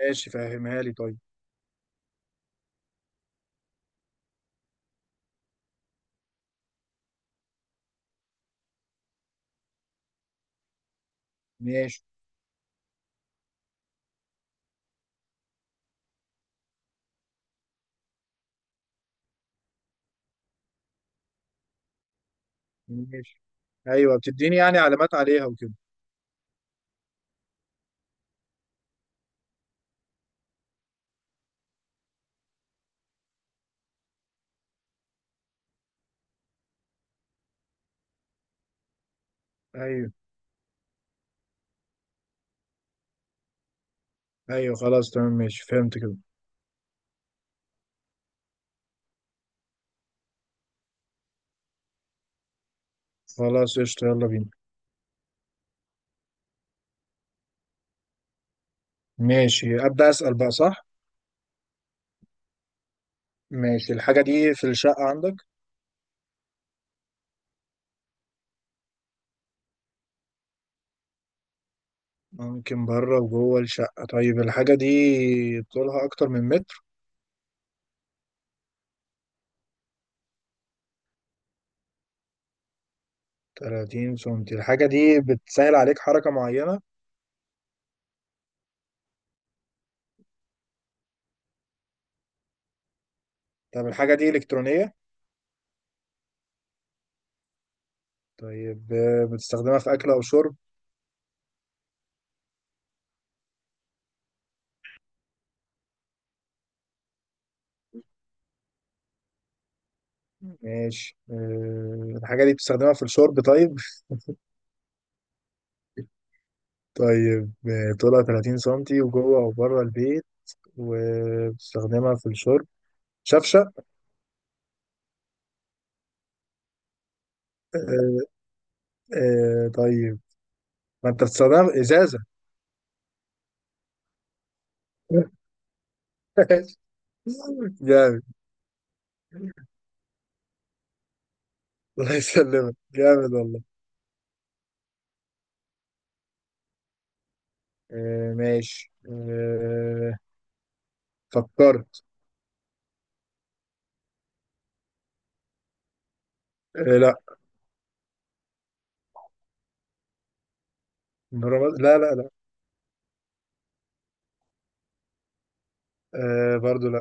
ماشي، فهمها لي طيب. ماشي ماشي. ايوه، بتديني يعني علامات عليها وكده. ايوه ايوه، خلاص تمام ماشي، فهمت كده. خلاص قشطة، يلا بينا. ماشي، ابدا اسال بقى صح. ماشي. الحاجه دي في الشقه عندك؟ ممكن بره وجوه الشقه. طيب، الحاجه دي طولها اكتر من متر؟ 30 سنتي. الحاجه دي بتسهل عليك حركه معينه؟ طب الحاجه دي الكترونيه؟ طيب، بتستخدمها في اكل او شرب؟ ماشي، الحاجه دي بتستخدمها في الشرب؟ طيب. طيب، طولها 30 سنتي، وجوه أو بره البيت، وبتستخدمها في الشرب. شفشة. آه، طيب. ما أنت بتستخدمها في إزازة. جامد. الله يسلمك، جامد والله. ماشي، فكرت. لا. لا لا لا. برضو لا.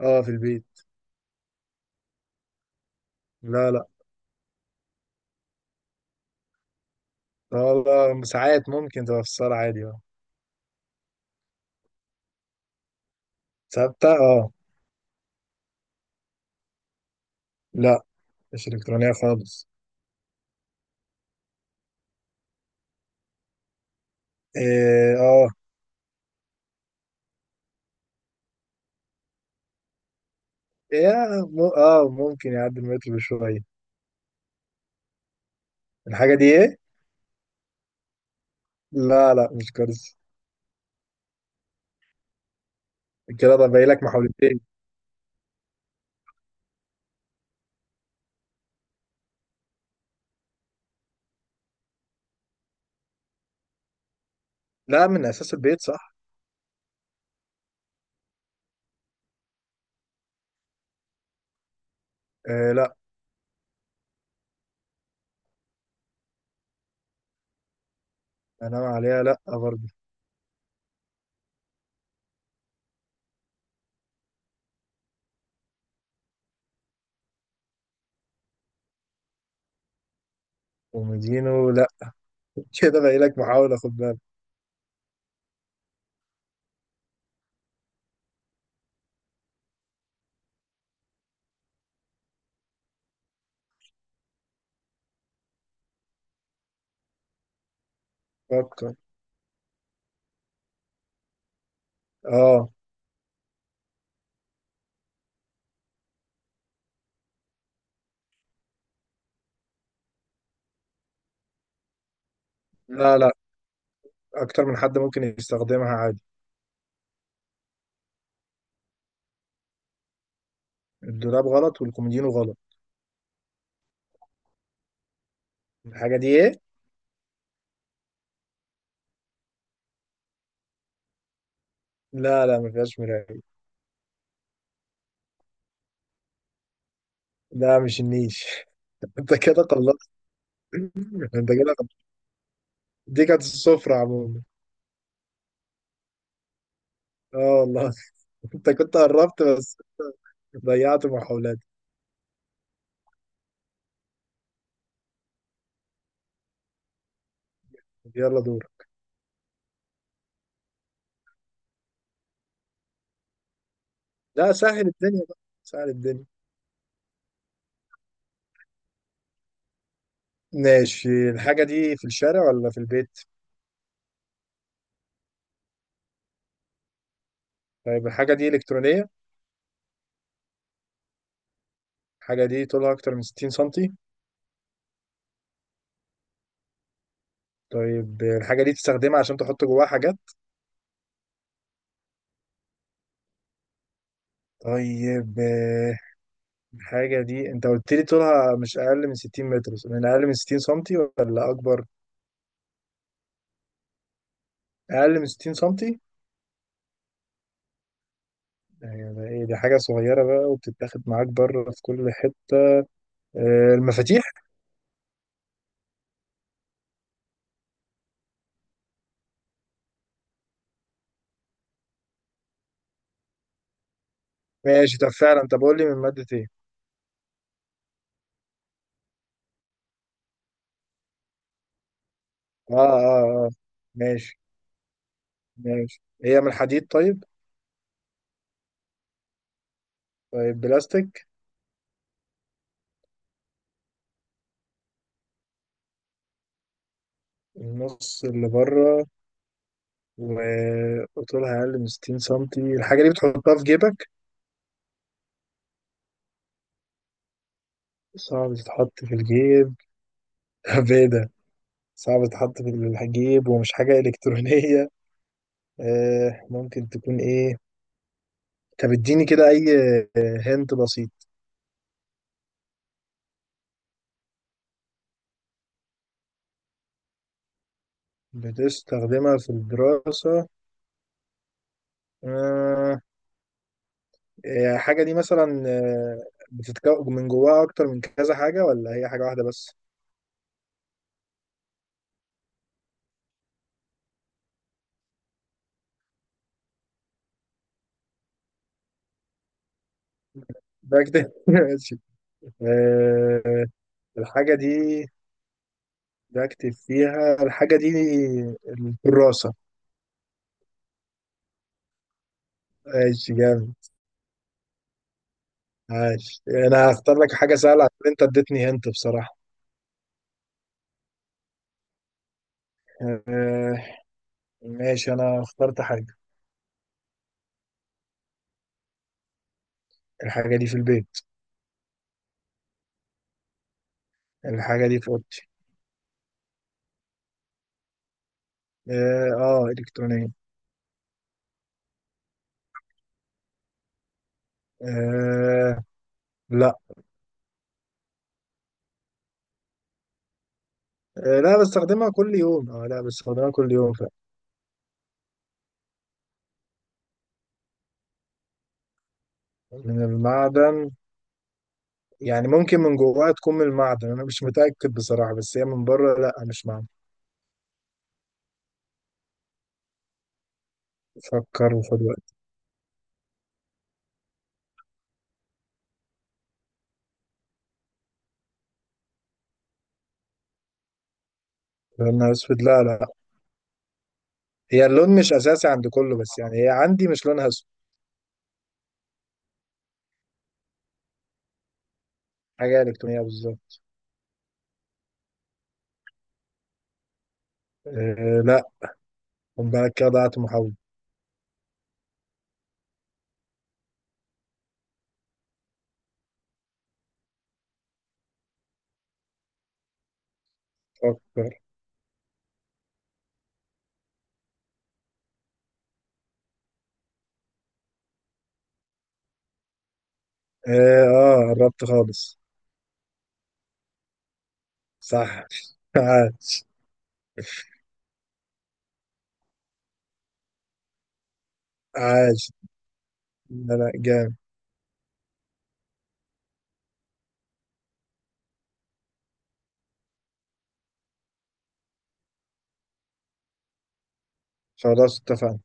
اه، في البيت. لا لا، والله ساعات ممكن تبقى في الصالة عادي، اه. ثابتة، اه. لا، مش إلكترونية خالص. اه، آه. يا اه، ممكن يعدي المتر بشوية. الحاجة دي ايه؟ لا لا، مش كرسي. كده ده باقي لك محاولتين. لا، من اساس البيت، صح؟ لا. انام عليها لا برضه. ومدينه لا. كده باقي لك محاولة، خد بالك. فكر. اه. لا لا، اكتر من حد ممكن يستخدمها عادي. الدولاب غلط والكوميدينو غلط. الحاجة دي ايه؟ لا لا، ما فيهاش مراية. لا، مش النيش. انت كده خلصت. انت كده خلصت. دي كانت السفرة عموما. اه والله. انت كنت قربت بس. ضيعت محاولاتي. يلا دور. لا، سهل الدنيا بقى، سهل الدنيا. ماشي، الحاجة دي في الشارع ولا في البيت؟ طيب، الحاجة دي إلكترونية؟ الحاجة دي طولها أكتر من 60 سنتي؟ طيب، الحاجة دي تستخدمها عشان تحط جواها حاجات؟ طيب، الحاجة دي أنت قلت لي طولها مش أقل من 60 متر، من أقل من 60 سنتي ولا أكبر؟ أقل من 60 سنتي؟ يعني ده إيه، دي حاجة صغيرة بقى وبتتاخد معاك بره في كل حتة، المفاتيح؟ ماشي، طب فعلا، طب قول لي من مادة ايه. اه اه اه. ماشي ماشي، هي من الحديد طيب؟ طيب، بلاستيك. النص اللي بره، وطولها أقل من 60 سنتي. الحاجة دي بتحطها في جيبك؟ صعب تتحط في الجيب. طب ايه ده. صعب تتحط في الجيب ومش حاجة إلكترونية. ممكن تكون ايه. طب اديني كده أي. هنت بسيط. بتستخدمها في الدراسة. آه الحاجة دي مثلا، بتتكون من جواها أكتر من كذا حاجة ولا هي حاجة واحدة بس؟ بكتب. ماشي. آه، الحاجة دي بكتب فيها، الحاجة دي الكراسة. ماشي، جامد. ماشي، أنا هختار لك حاجة سهلة عشان أنت اديتني هنت بصراحة. آه، ماشي، أنا اخترت حاجة. الحاجة دي في البيت. الحاجة دي في أوضتي. آه، آه، إلكترونية. آه لا. لا، بستخدمها كل يوم، لا، بستخدمها كل يوم. من المعدن؟ يعني ممكن من جواها تكون من المعدن، انا مش متأكد بصراحة، بس هي من بره لا، مش معدن. فكر وخد وقت. لونها اسود؟ لا لا. هي اللون مش اساسي عند كله، بس يعني هي عندي مش لونها اسود. حاجة الكترونية بالظبط. لا. خد بالك، كده ضيعت محاولة. فكر. اه، قربت خالص. صح. عاش. عاش. لا لا، جامد. خلاص، اتفقنا.